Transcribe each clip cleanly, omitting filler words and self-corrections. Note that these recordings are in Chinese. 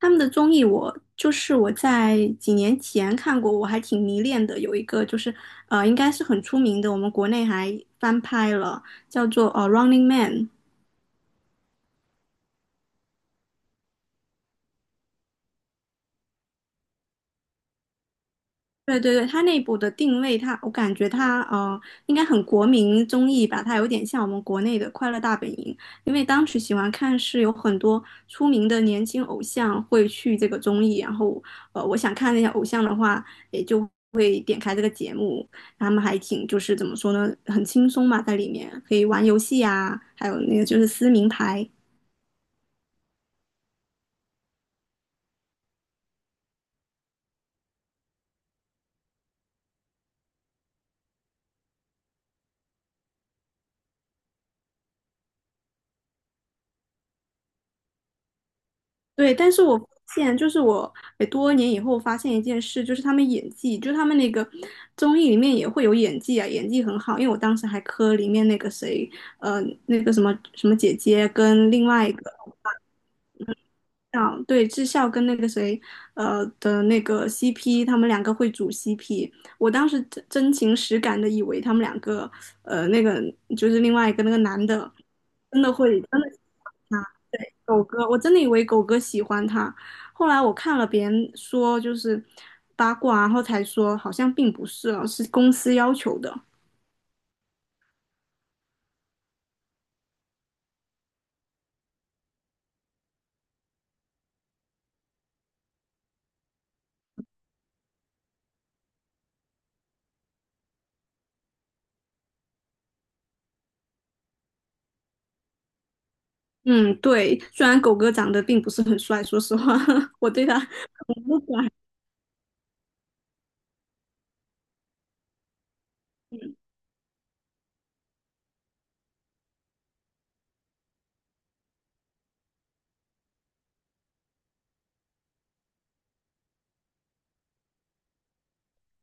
他们的综艺我就是我在几年前看过，我还挺迷恋的。有一个就是应该是很出名的，我们国内还翻拍了，叫做《Running Man》。对对对，它内部的定位它，我感觉它应该很国民综艺吧，它有点像我们国内的《快乐大本营》。因为当时喜欢看是有很多出名的年轻偶像会去这个综艺，然后我想看那些偶像的话，也就会点开这个节目。他们还挺怎么说呢，很轻松嘛，在里面可以玩游戏啊，还有那个就是撕名牌。对，但是我多年以后发现一件事，就是他们演技，就是他们那个综艺里面也会有演技啊，演技很好。因为我当时还磕里面那个谁，呃，那个什么什么姐姐跟另外一个。啊，对，智孝跟那个谁的那个 CP,他们两个会组 CP。我当时真真情实感的以为他们两个，呃，那个另外一个那个男的，真的会真的。狗哥，我真的以为狗哥喜欢他，后来我看了别人说就是八卦，然后才说好像并不是哦，是公司要求的。嗯，对，虽然狗哥长得并不是很帅，说实话，我对他很不管。嗯，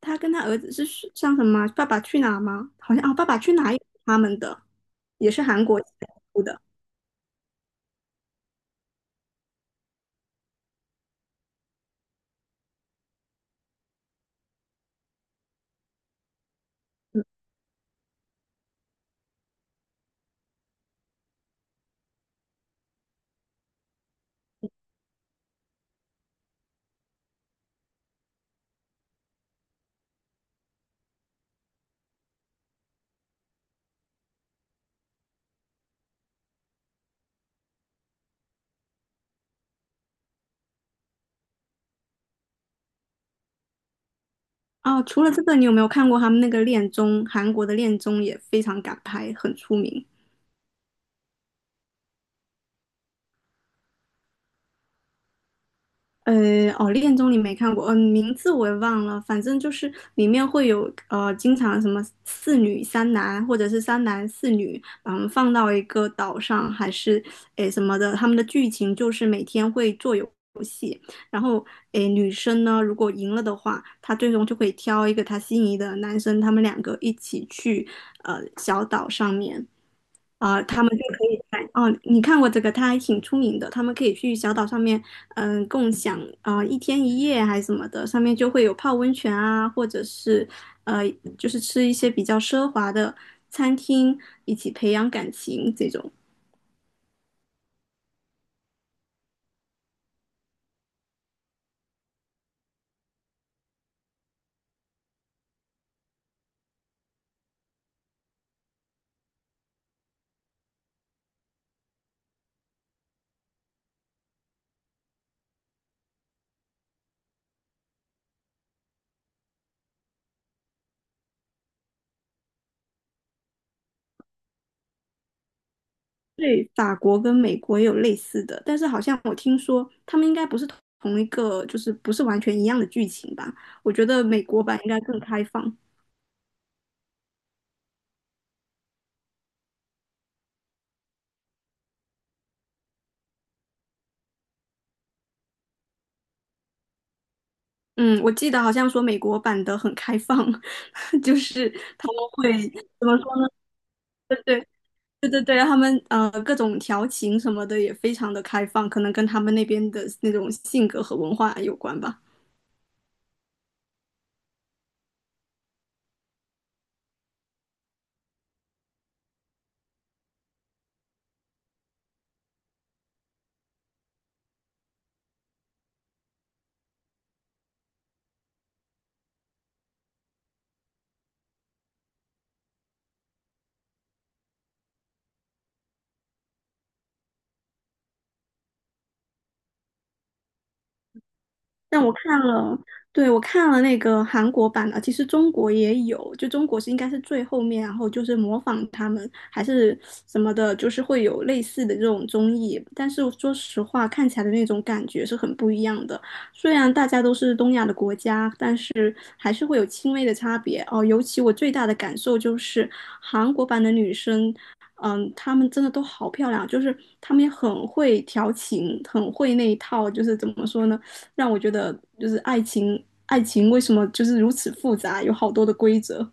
他跟他儿子是像什么啊《爸爸去哪儿》吗？好像啊，《爸爸去哪儿》也是他们的，也是韩国出的。哦，除了这个，你有没有看过他们那个恋综？韩国的恋综也非常敢拍，很出名。《恋综》你没看过，嗯、名字我也忘了，反正就是里面会有经常什么四女三男，或者是三男四女，把他们放到一个岛上，还是诶什么的。他们的剧情就是每天会做游戏，然后，诶，女生呢，如果赢了的话，她最终就可以挑一个她心仪的男生，他们两个一起去小岛上面。啊、他们就可以在哦，你看过这个，它还挺出名的，他们可以去小岛上面，嗯、共享啊、一天一夜还是什么的，上面就会有泡温泉啊，或者是呃就是吃一些比较奢华的餐厅，一起培养感情这种。对，法国跟美国也有类似的，但是好像我听说他们应该不是同一个，就是不是完全一样的剧情吧？我觉得美国版应该更开放。嗯，我记得好像说美国版的很开放，就是他们会怎么说呢？对对对，他们各种调情什么的也非常的开放，可能跟他们那边的那种性格和文化有关吧。但我看了，对，我看了那个韩国版的，其实中国也有，就中国是应该是最后面，然后就是模仿他们还是什么的，就是会有类似的这种综艺。但是说实话，看起来的那种感觉是很不一样的。虽然大家都是东亚的国家，但是还是会有轻微的差别哦。尤其我最大的感受就是韩国版的女生。嗯，她们真的都好漂亮，就是她们也很会调情，很会那一套，就是怎么说呢？让我觉得就是爱情，爱情为什么就是如此复杂，有好多的规则。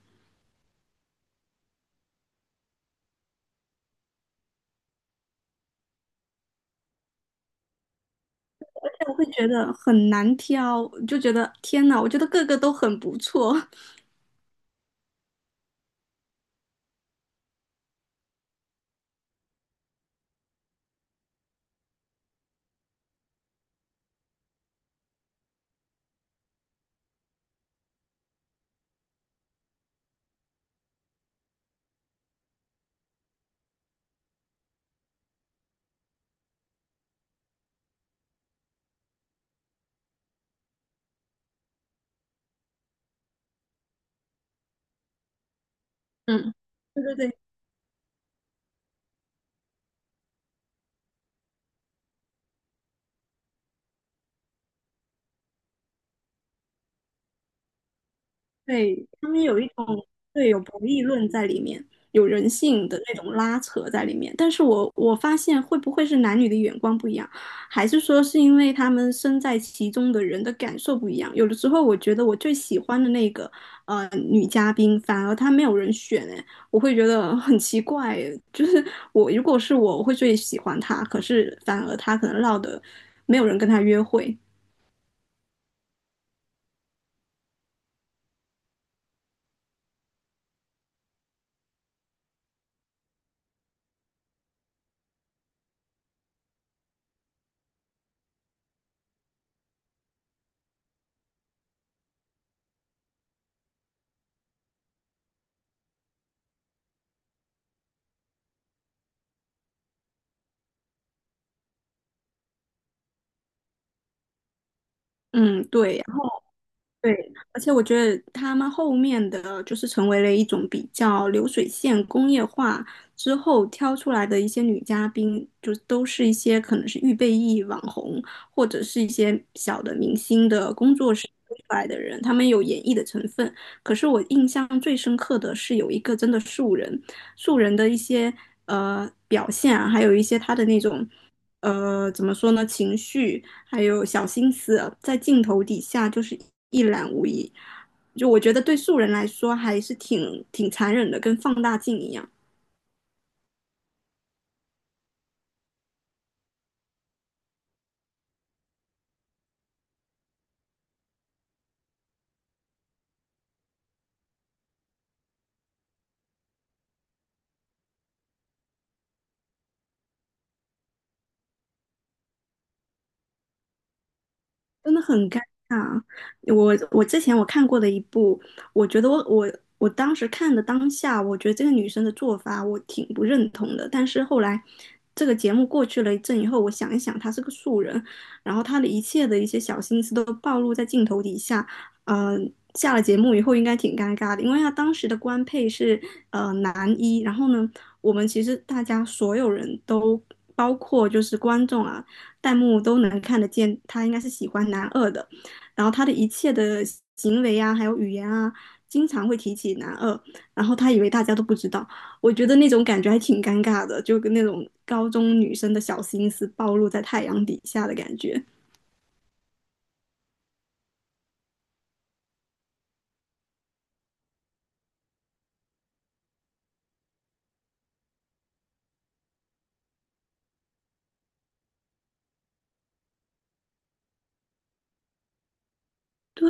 但我会觉得很难挑，就觉得天哪，我觉得个个都很不错。嗯，对对对，对，他们有一种对有博弈论在里面，有人性的那种拉扯在里面。但是我发现会不会是男女的眼光不一样，还是说是因为他们身在其中的人的感受不一样？有的时候我觉得我最喜欢的那个女嘉宾，反而她没有人选，哎，我会觉得很奇怪诶，就是我如果是我，我会最喜欢她，可是反而她可能落得没有人跟她约会。嗯，对。然后。对，而且我觉得他们后面的就是成为了一种比较流水线工业化之后挑出来的一些女嘉宾，就都是一些可能是预备役网红，或者是一些小的明星的工作室推出来的人，他们有演绎的成分。可是我印象最深刻的是有一个真的素人，素人的一些表现啊，还有一些他的那种怎么说呢，情绪。还有小心思，在镜头底下就是一览无遗。就我觉得对素人来说还是挺残忍的，跟放大镜一样。真的很尴尬。我我之前我看过的一部，我觉得我当时看的当下，我觉得这个女生的做法我挺不认同的。但是后来这个节目过去了一阵以后，我想一想，她是个素人，然后她的一切的一些小心思都暴露在镜头底下。嗯，下了节目以后应该挺尴尬的，因为她当时的官配是男一，然后呢，我们其实大家所有人都。包括就是观众啊，弹幕都能看得见，他应该是喜欢男二的。然后他的一切的行为啊，还有语言啊，经常会提起男二。然后他以为大家都不知道，我觉得那种感觉还挺尴尬的，就跟那种高中女生的小心思暴露在太阳底下的感觉。对，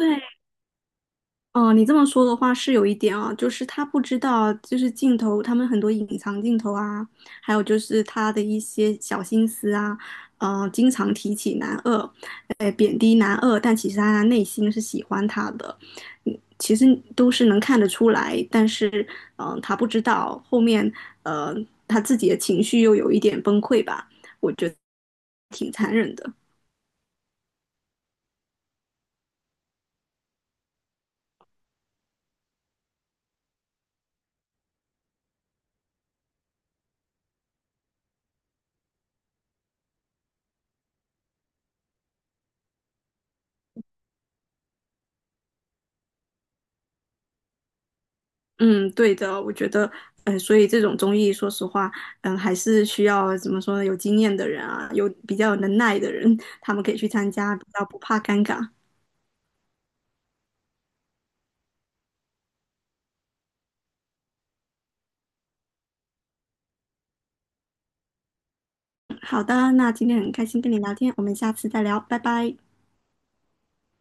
哦，你这么说的话是有一点啊，就是他不知道，就是镜头，他们很多隐藏镜头啊，还有就是他的一些小心思啊，经常提起男二，贬低男二，但其实他内心是喜欢他的。嗯，其实都是能看得出来，但是，嗯、他不知道后面，呃，他自己的情绪又有一点崩溃吧，挺残忍的。嗯，对的，我觉得，嗯、所以这种综艺，说实话，嗯，还是需要怎么说呢？有经验的人啊，有比较有能耐的人，他们可以去参加，比较不怕尴尬。好的，那今天很开心跟你聊天，我们下次再聊，拜拜。